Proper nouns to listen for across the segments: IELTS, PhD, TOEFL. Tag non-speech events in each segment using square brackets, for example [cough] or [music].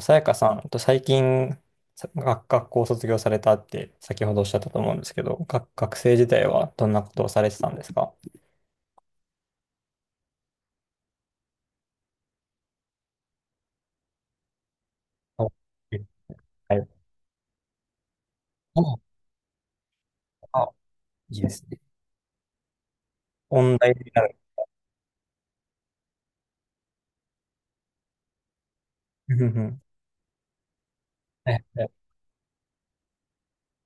さやかさんと最近、学校を卒業されたって先ほどおっしゃったと思うんですけど、学生時代はどんなことをされてたんですか？あ、えはい。あ、いいですね。音大になる。うんうん。はいはい、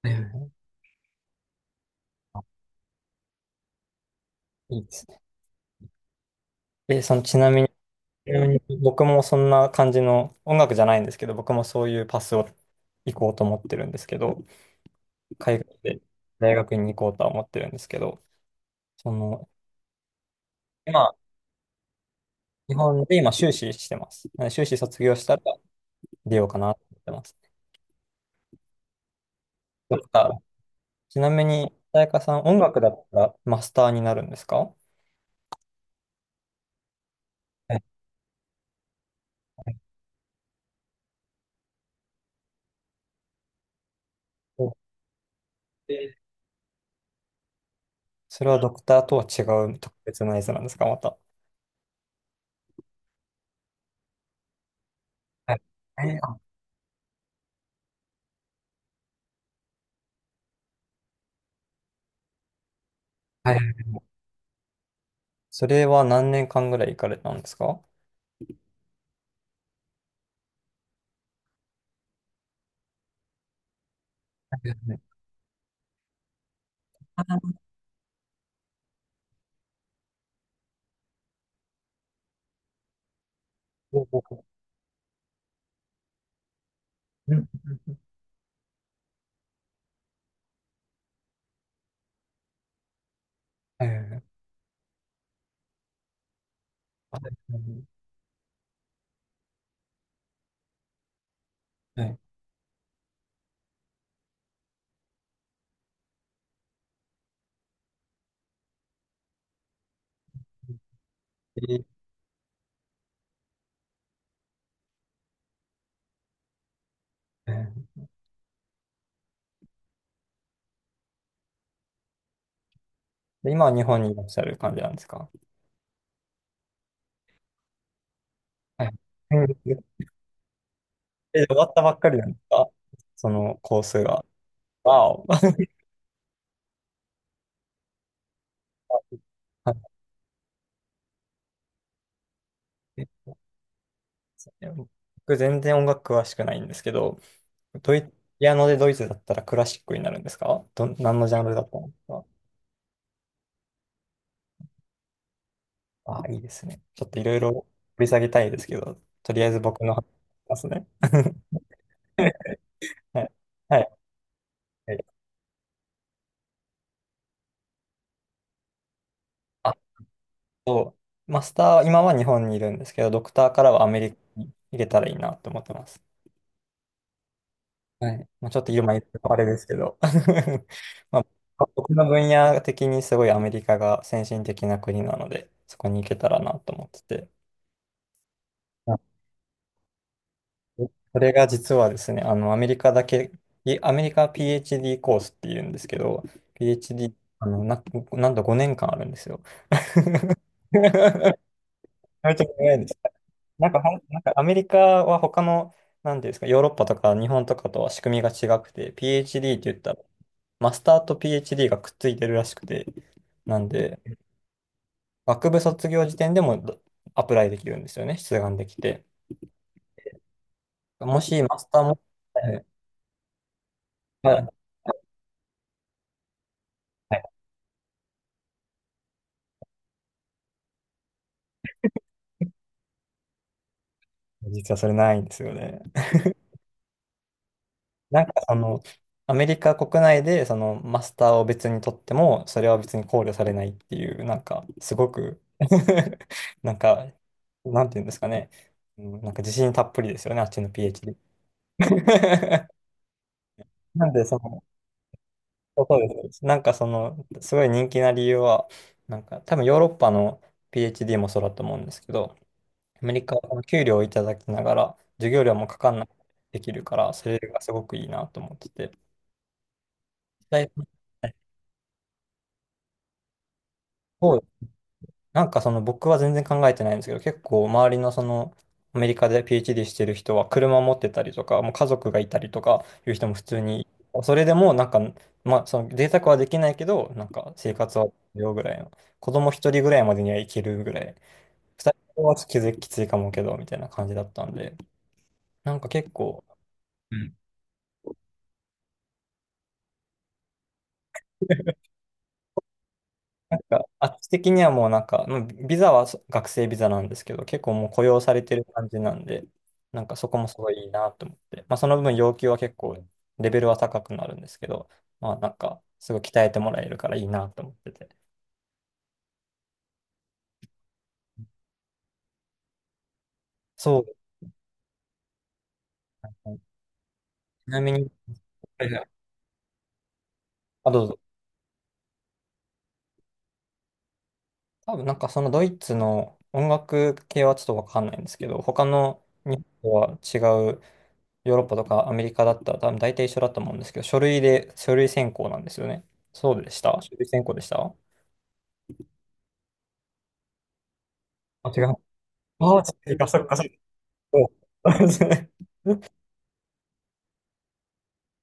はいい。あ、いいですね。その、ちなみに僕もそんな感じの、音楽じゃないんですけど、僕もそういうパスを行こうと思ってるんですけど、海外で大学に行こうとは思ってるんですけど、その、今日本で今修士してます。なので修士卒業したら出ようかなと思ってます。ドクターちなみに、さやかさん、音楽だったらマスターになるんですか？はい。で、それはドクターとは違う特別なやつなんですか、また。はい。えーはい。それは何年間ぐらい行かれたんですか？はいはい。おおうほう。うんうんうん。ーはいはいはい。えーで、今は日本にいらっしゃる感じなんですか？はい。うん。終わったばっかりなんですか？そのコースが。わお。[laughs] 僕全然音楽詳しくないんですけど、ドイ、ピアノでドイツだったらクラシックになるんですかど、何のジャンルだったんですか？ああ、いいですね。ちょっといろいろ掘り下げたいですけど、とりあえず僕の話しますね。[laughs] はい。はい。はい。あと、マスター、今は日本にいるんですけど、ドクターからはアメリカに行けたらいいなと思ってます。はい。まあ、ちょっと今言うとあれですけど。[laughs] まあ、僕の分野的にすごいアメリカが先進的な国なので、そこに行けたらなと思ってて。あそれが実はですね、あの、アメリカだけ、アメリカ PhD コースっていうんですけど、PhD、なんと5年間あるんですよ。[laughs] めちゃくちゃ長いです。なんかほん、なんかアメリカは他の、なんていうんですか、ヨーロッパとか日本とかとは仕組みが違くて、PhD って言ったら、マスターと PhD がくっついてるらしくて、なんで、学部卒業時点でもアプライできるんですよね、出願できて。もしマスターも、はいはい、実はそれないんですよね。なんかその、アメリカ国内でそのマスターを別に取っても、それは別に考慮されないっていう、なんか、すごく [laughs] なんか、なんていうんですかね、うん、なんか自信たっぷりですよね、あっちの PhD。[laughs] なんで、その、そうです。なんかその、すごい人気な理由は、なんか多分ヨーロッパの PhD もそうだと思うんですけど、アメリカはこの給料をいただきながら、授業料もかかんなくできるから、それがすごくいいなと思ってて。で、そう、なんかその僕は全然考えてないんですけど、結構周りのその、アメリカで PhD してる人は車を持ってたりとか、もう家族がいたりとかいう人も普通に、それでもなんか、まあその贅沢はできないけど、なんか生活はよぐらいの。子供一人ぐらいまでにはいけるぐらい2人はちょっと気づききついかもけど、みたいな感じだったんで、なんか結構、うん、なんかあっち的にはもうなんか、うんビザは学生ビザなんですけど、結構もう雇用されてる感じなんで、なんかそこもすごいいいなと思って、まあその分要求は結構レベルは高くなるんですけど、まあなんかすごい鍛えてもらえるからいいなと思ってて。そうですね。ちなみに、はいはい、どうぞ。多分なんかそのドイツの音楽系はちょっとわかんないんですけど、他の日本とは違うヨーロッパとかアメリカだったら多分大体一緒だと思うんですけど、書類選考なんですよね。そうでした、書類選考でした。違う。ああ、違うか、そっか、そっか。そう。 [laughs]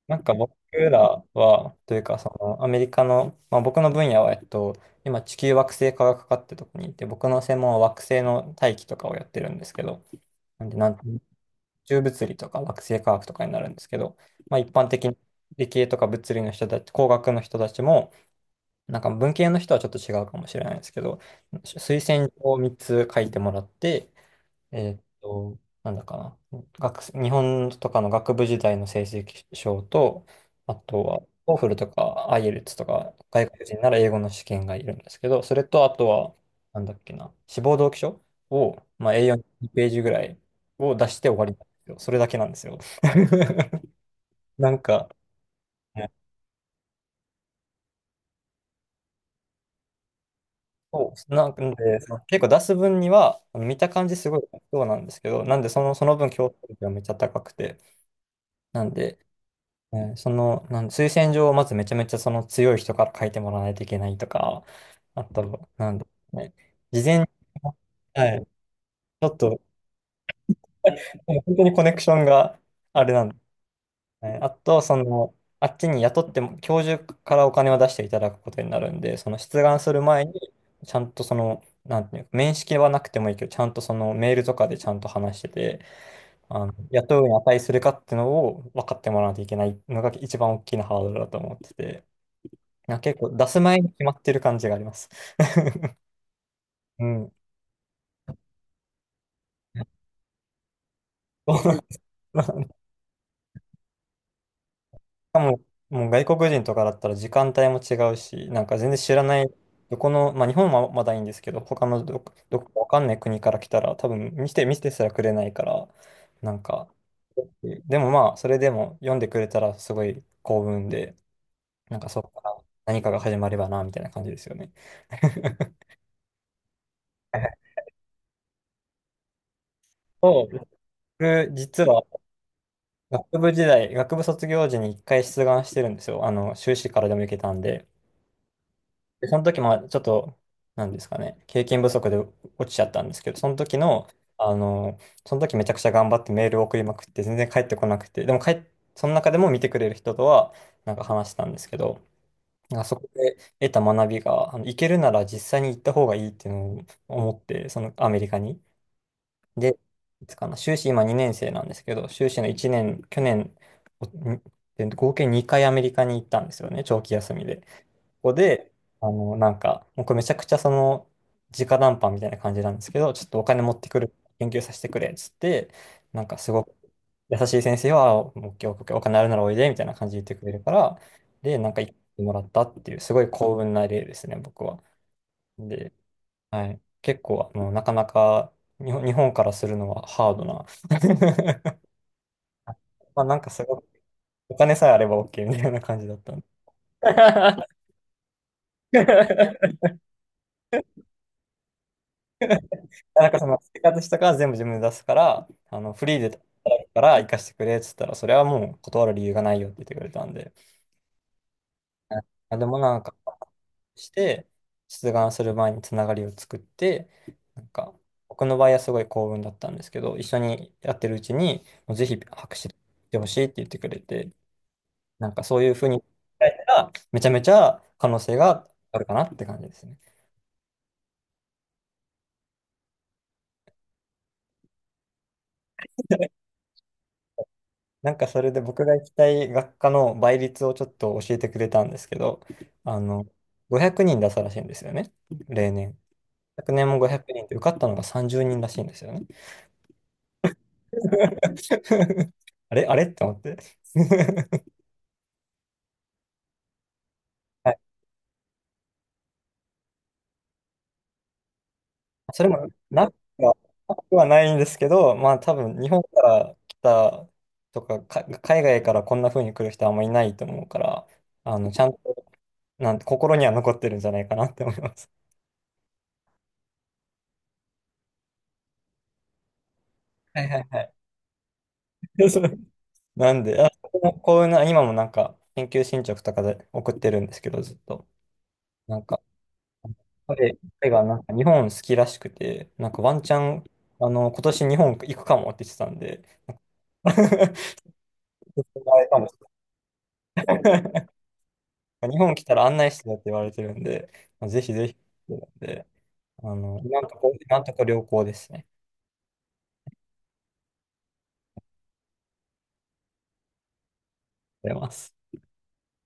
なんか僕らは、というか、その、アメリカの、まあ僕の分野は、今、地球惑星科学科ってとこにいて、僕の専門は惑星の大気とかをやってるんですけど、なんで、宇宙物理とか惑星科学とかになるんですけど、まあ一般的に理系とか物理の人たち、工学の人たちも、なんか文系の人はちょっと違うかもしれないですけど、推薦状を3つ書いてもらって、なんだかな、日本とかの学部時代の成績証と、あとは、オーフルとか IELTS とか、外国人なら英語の試験がいるんですけど、それとあとは、なんだっけな、志望動機書を、まあ、a 4ページぐらいを出して終わりなんですよ。それだけなんですよ。[laughs] なんか、もそう、なんで、その結構出す分には、あの見た感じすごいそうなんですけど、なんでその、その分競争力がめっちゃ高くて、なんで、その、推薦状をまずめちゃめちゃその強い人から書いてもらわないといけないとか、あと、なんで、ね、事前に、はい、ちょっと、[laughs] 本当にコネクションがあれなんで、はい、あと、その、あっちに雇っても、教授からお金を出していただくことになるんで、その出願する前に、ちゃんとその、なんていうか、面識はなくてもいいけど、ちゃんとそのメールとかでちゃんと話してて、あの、雇うに値するかっていうのを分かってもらわないといけないのが一番大きなハードルだと思ってて、結構出す前に決まってる感じがあります。うん。[laughs] かも、もう外国人とかだったら時間帯も違うし、なんか全然知らない、どこの、まあ日本はまだいいんですけど、他のどこかわかんない国から来たら、多分見てすらくれないから、なんか、でもまあ、それでも読んでくれたらすごい幸運で、なんかそこから何かが始まればな、みたいな感じですよね。[laughs] そう、僕、実は学部時代、学部卒業時に1回出願してるんですよ。あの、修士からでも行けたんで。で、その時もちょっと、なんですかね、経験不足で落ちちゃったんですけど、その時の、あの、その時めちゃくちゃ頑張ってメールを送りまくって、全然返ってこなくて、でも帰っ、その中でも見てくれる人とは、なんか話したんですけど、なんかそこで得た学びが、あの、行けるなら実際に行った方がいいっていうのを思って、そのアメリカに。で、いつかな、修士今2年生なんですけど、修士の1年、去年、おんで合計2回アメリカに行ったんですよね、長期休みで。ここで、あの、なんか、もうこれめちゃくちゃその、直談判みたいな感じなんですけど、ちょっとお金持ってくる、研究させてくれ、っつって、なんかすごく優しい先生は、オッケーオッケーお金あるならおいで、みたいな感じで言ってくれるから、で、なんか行ってもらったっていう、すごい幸運な例ですね、僕は。で、はい。結構、あの、なかなか、日本からするのはハードな。[laughs] まあ、なんかすごく、お金さえあれば OK みたいな感じだったんで。[laughs] なんかその生活したから全部自分で出すから、あのフリーで働くから行かせてくれっつったら、それはもう断る理由がないよって言ってくれたんで。でもなんか、して、出願する前につながりを作って、なんか、僕の場合はすごい幸運だったんですけど、一緒にやってるうちに、もうぜひ博士してほしいって言ってくれて、なんかそういうふうに考えたら、めちゃめちゃ可能性があるかなって感じですね。[laughs] なんかそれで僕が行きたい学科の倍率をちょっと教えてくれたんですけど、あの、500人出したらしいんですよね、例年。昨年も500人で受かったのが30人らしいんですよね。[laughs] あれあれって思って。[laughs] はい、それもなくは、なくはないんですけど、まあ多分日本から来たとか、海外からこんな風に来る人はあんまりいないと思うから、あの、ちゃんと、なんて心には残ってるんじゃないかなって思います。はいはいはい。[laughs] なんで、こういうな、今もなんか、研究進捗とかで送ってるんですけど、ずっと。なんか、彼がなんか日本好きらしくて、なんかワンチャン、あの、今年日本行くかもって言ってたんで、[laughs] ちょっとあれかもしれない日本来たら案内してよって言われてるんで、ぜひぜひ、なんで、あの、今んとこ、今んとこ良好ですね。ありがとうございます。